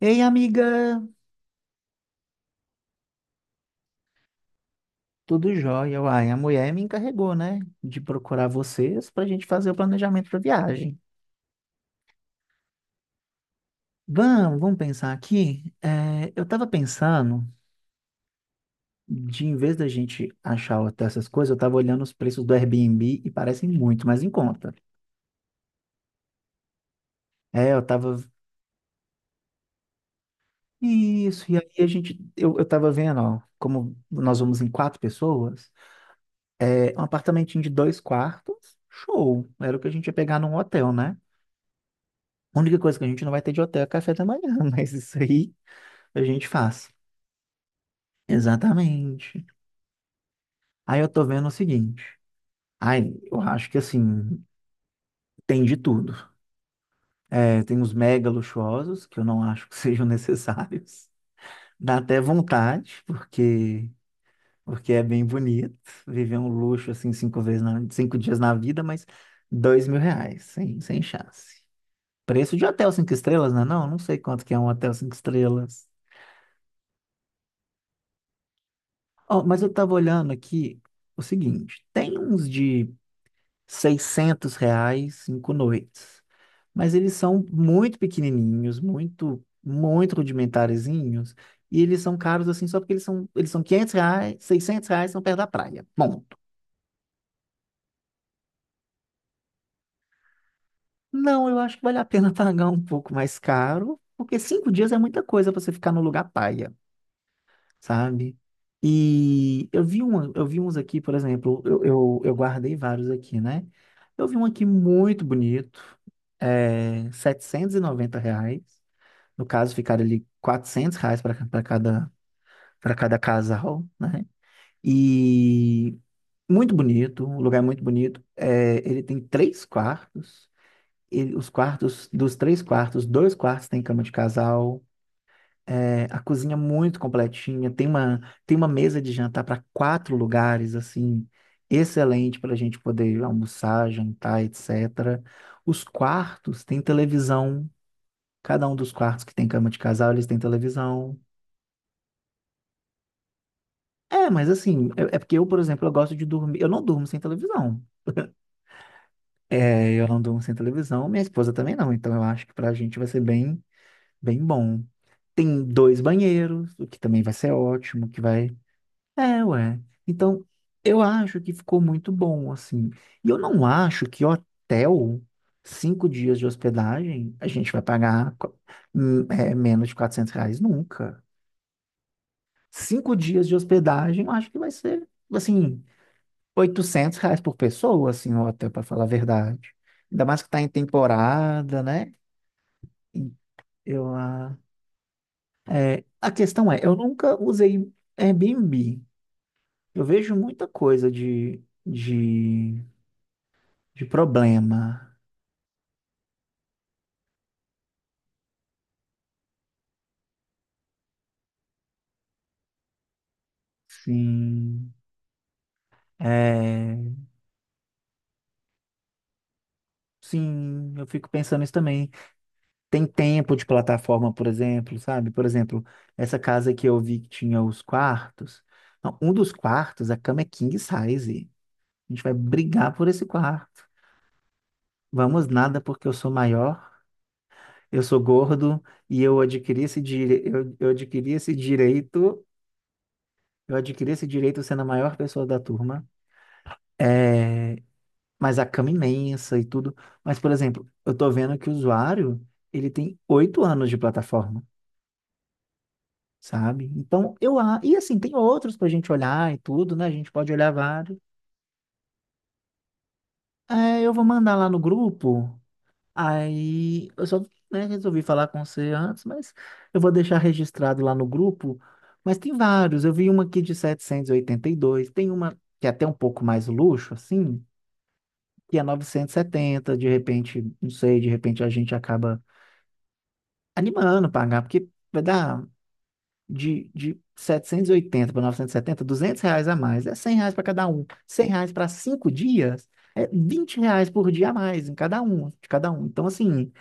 Ei, amiga, tudo jóia? Uai, a mulher me encarregou, né, de procurar vocês para a gente fazer o planejamento da viagem. Vamos pensar aqui. É, eu estava pensando, de em vez da gente achar até essas coisas, eu estava olhando os preços do Airbnb e parecem muito mais em conta. É, eu estava. Isso, e aí a gente. Eu estava vendo, ó, como nós vamos em quatro pessoas, é, um apartamentinho de dois quartos, show. Era o que a gente ia pegar num hotel, né? A única coisa que a gente não vai ter de hotel é café da manhã, mas isso aí a gente faz. Exatamente. Aí eu tô vendo o seguinte. Aí eu acho que assim, tem de tudo. É, tem os mega luxuosos, que eu não acho que sejam necessários. Dá até vontade, porque, porque é bem bonito viver um luxo assim cinco vezes na, cinco dias na vida, mas R$ 2.000, sem chance. Preço de hotel cinco estrelas, né? Não, não sei quanto que é um hotel cinco estrelas. Ó, mas eu tava olhando aqui o seguinte, tem uns de R$ 600, 5 noites, mas eles são muito pequenininhos, muito, muito rudimentarezinhos, e eles são caros assim só porque eles são R$ 500, R$ 600 são perto da praia, ponto. Não, eu acho que vale a pena pagar um pouco mais caro, porque 5 dias é muita coisa para você ficar no lugar paia. Sabe? E eu vi um, eu vi uns aqui, por exemplo, eu guardei vários aqui, né? Eu vi um aqui muito bonito, é, R$ 790. No caso, ficaram ali R$ 400 para cada casal, né? E muito bonito, um lugar é muito bonito. É, ele tem três quartos. Ele, os quartos, dos três quartos, dois quartos tem cama de casal. É, a cozinha é muito completinha, tem uma mesa de jantar para quatro lugares, assim, excelente para a gente poder almoçar, jantar, etc. Os quartos têm televisão, cada um dos quartos que tem cama de casal, eles têm televisão. É, mas assim, é porque eu, por exemplo, eu gosto de dormir, eu não durmo sem televisão. É, eu não durmo sem televisão, minha esposa também não, então eu acho que para a gente vai ser bem, bem bom. Tem dois banheiros, o que também vai ser ótimo, que vai. É, ué. Então, eu acho que ficou muito bom, assim. E eu não acho que hotel, cinco dias de hospedagem, a gente vai pagar menos de R$ 400 nunca. Cinco dias de hospedagem, eu acho que vai ser, assim, R$ 800 por pessoa, assim, o hotel, para falar a verdade. Ainda mais que tá em temporada, né? E eu, a questão é, eu nunca usei Airbnb. Eu vejo muita coisa de de problema. Sim. É, sim, eu fico pensando isso também. Tem tempo de plataforma, por exemplo, sabe? Por exemplo, essa casa que eu vi que tinha os quartos. Não, um dos quartos, a cama é king size. A gente vai brigar por esse quarto. Vamos nada porque eu sou maior, eu sou gordo e eu adquiri esse eu adquiri esse direito, eu adquiri esse direito sendo a maior pessoa da turma. É, mas a cama imensa e tudo. Mas, por exemplo, eu tô vendo que o usuário, ele tem 8 anos de plataforma, sabe? Então, e assim, tem outros pra gente olhar e tudo, né? A gente pode olhar vários. É, eu vou mandar lá no grupo, aí eu só, né, resolvi falar com você antes, mas eu vou deixar registrado lá no grupo. Mas tem vários, eu vi uma aqui de setecentos e oitenta e dois. Tem uma que é até um pouco mais luxo, assim, que é 970. De repente, não sei, de repente a gente acaba animando pagar, porque vai dar de 780 para 970, R$ 200 a mais, é R$ 100 para cada um, R$ 100 para 5 dias, é R$ 20 por dia a mais em cada um, de cada um. Então, assim,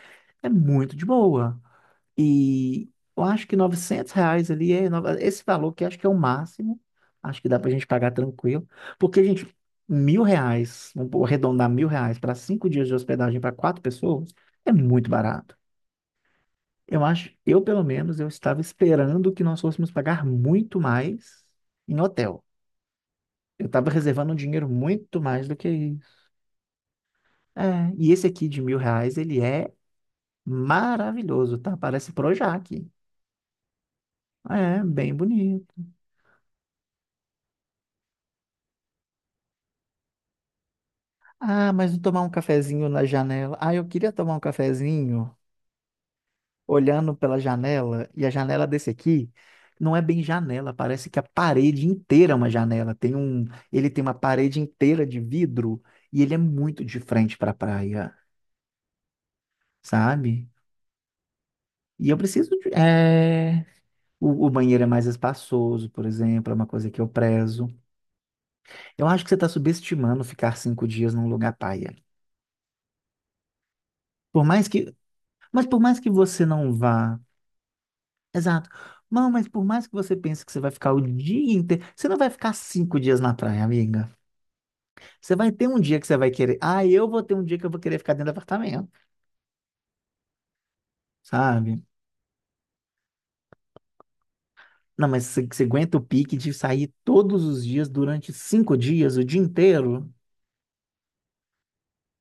é muito de boa. E eu acho que R$ 900 ali é nova- esse valor que acho que é o máximo, acho que dá para a gente pagar tranquilo, porque a gente. R$ 1.000, vamos arredondar R$ 1.000 para 5 dias de hospedagem para quatro pessoas é muito barato. Eu acho, eu pelo menos, eu estava esperando que nós fôssemos pagar muito mais em hotel. Eu estava reservando um dinheiro muito mais do que isso. É, e esse aqui de R$ 1.000, ele é maravilhoso, tá? Parece Projac. É, bem bonito. Ah, mas não tomar um cafezinho na janela. Ah, eu queria tomar um cafezinho olhando pela janela, e a janela desse aqui não é bem janela, parece que a parede inteira é uma janela. Tem um, ele tem uma parede inteira de vidro e ele é muito de frente para a praia, sabe? E eu preciso de, é, o banheiro é mais espaçoso, por exemplo, é uma coisa que eu prezo. Eu acho que você está subestimando ficar 5 dias num lugar paia. Por mais que, mas por mais que você não vá. Exato. Não, mas por mais que você pense que você vai ficar o dia inteiro, você não vai ficar cinco dias na praia, amiga. Você vai ter um dia que você vai querer. Ah, eu vou ter um dia que eu vou querer ficar dentro do apartamento, sabe? Não, mas você aguenta o pique de sair todos os dias durante 5 dias, o dia inteiro?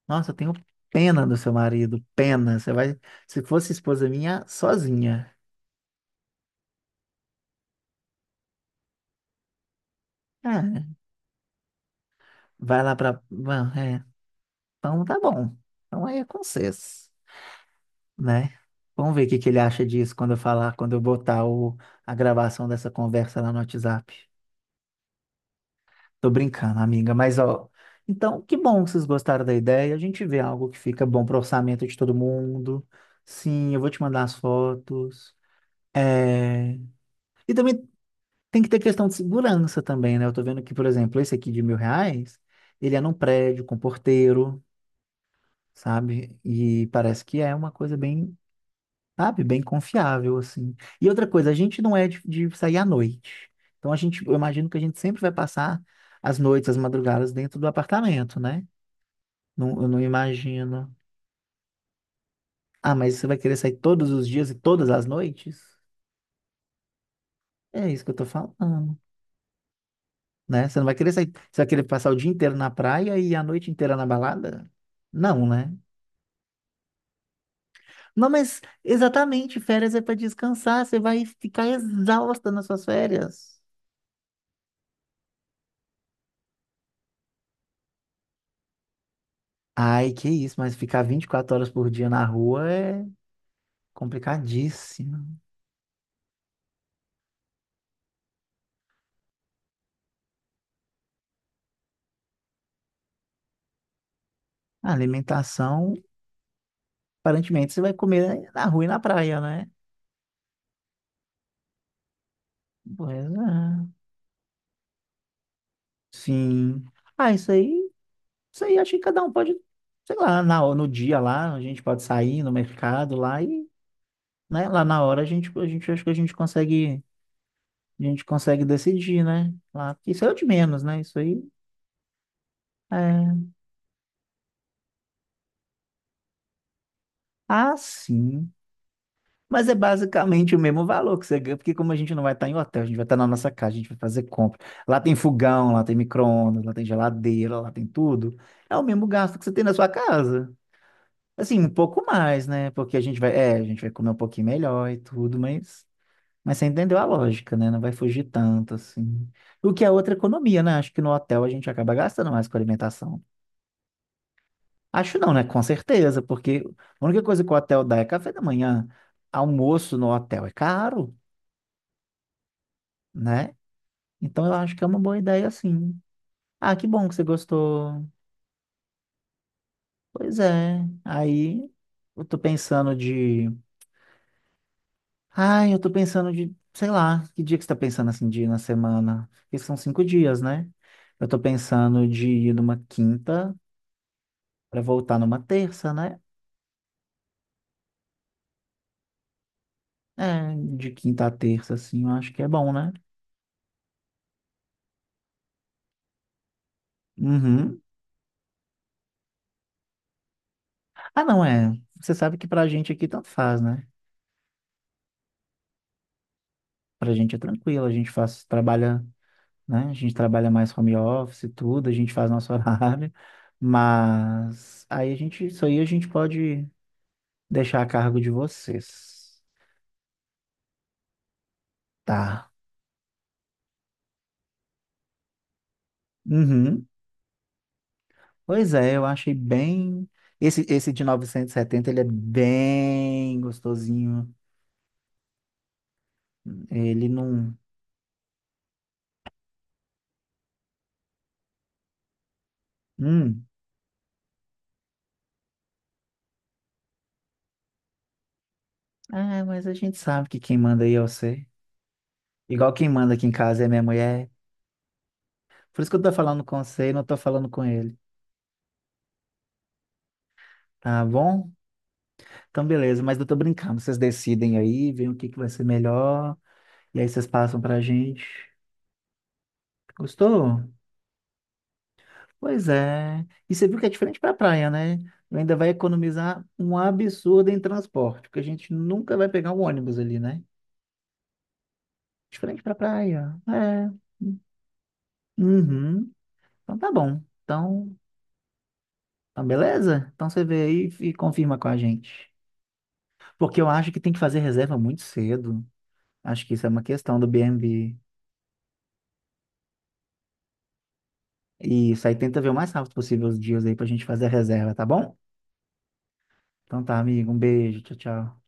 Nossa, eu tenho pena do seu marido, pena. Você vai, se fosse esposa minha, sozinha. Ah, vai lá pra. Bom, é. Então tá bom. Então aí é com vocês. Né? Vamos ver o que que ele acha disso quando eu falar, quando eu botar o, a gravação dessa conversa lá no WhatsApp. Tô brincando, amiga, mas ó. Então, que bom que vocês gostaram da ideia. A gente vê algo que fica bom para orçamento de todo mundo. Sim, eu vou te mandar as fotos. É... E também tem que ter questão de segurança também, né? Eu tô vendo que, por exemplo, esse aqui de mil reais, ele é num prédio com porteiro, sabe? E parece que é uma coisa bem. Sabe? Bem confiável, assim. E outra coisa, a gente não é de sair à noite. Então a gente, eu imagino que a gente sempre vai passar as noites, as madrugadas dentro do apartamento, né? Não, eu não imagino. Ah, mas você vai querer sair todos os dias e todas as noites? É isso que eu tô falando, né? Você não vai querer sair, você vai querer passar o dia inteiro na praia e a noite inteira na balada? Não, né? Não, mas exatamente, férias é para descansar, você vai ficar exausta nas suas férias. Ai, que isso, mas ficar 24 horas por dia na rua é complicadíssimo. A alimentação, aparentemente, você vai comer na rua e na praia, né? Pois é. Sim. Ah, isso aí acho que cada um pode, sei lá, na, no dia lá, a gente pode sair no mercado lá e, né, lá na hora a gente acho que a gente consegue decidir, né? Lá, isso é o de menos, né? Isso aí é. Ah, sim. Mas é basicamente o mesmo valor que você ganha, porque como a gente não vai estar em hotel, a gente vai estar na nossa casa, a gente vai fazer compra. Lá tem fogão, lá tem micro-ondas, lá tem geladeira, lá tem tudo. É o mesmo gasto que você tem na sua casa. Assim, um pouco mais, né? Porque a gente vai, é, a gente vai comer um pouquinho melhor e tudo, mas você entendeu a lógica, né? Não vai fugir tanto, assim. O que é outra economia, né? Acho que no hotel a gente acaba gastando mais com alimentação. Acho não, né? Com certeza, porque a única coisa que o hotel dá é café da manhã. Almoço no hotel é caro. Né? Então eu acho que é uma boa ideia, sim. Ah, que bom que você gostou. Pois é. Aí eu tô pensando de. Ai, eu tô pensando de, sei lá, que dia que você tá pensando assim, de ir na semana? Porque são 5 dias, né? Eu tô pensando de ir numa quinta pra voltar numa terça, né? É, de quinta a terça, assim, eu acho que é bom, né? Uhum. Ah, não, é. Você sabe que pra gente aqui tanto faz, né? Pra gente é tranquilo, a gente faz, trabalha, né? A gente trabalha mais home office e tudo, a gente faz nosso horário, mas aí a gente, isso aí a gente pode deixar a cargo de vocês. Tá. Uhum. Pois é, eu achei bem. Esse de 970 ele é bem gostosinho. Ele não. Hum. Ah, mas a gente sabe que quem manda aí é você. Igual quem manda aqui em casa é minha mulher. Por isso que eu tô falando com você e não tô falando com ele. Tá bom? Então, beleza, mas eu tô brincando. Vocês decidem aí, veem o que que vai ser melhor, e aí vocês passam pra gente. Gostou? Pois é. E você viu que é diferente pra praia, né? Ainda vai economizar um absurdo em transporte, porque a gente nunca vai pegar um ônibus ali, né? Diferente pra praia. É. Uhum. Então tá bom. Então, tá beleza? Então você vê aí e confirma com a gente. Porque eu acho que tem que fazer reserva muito cedo. Acho que isso é uma questão do BnB. Isso aí, tenta ver o mais rápido possível os dias aí pra gente fazer a reserva, tá bom? Então tá, amigo, um beijo, tchau, tchau.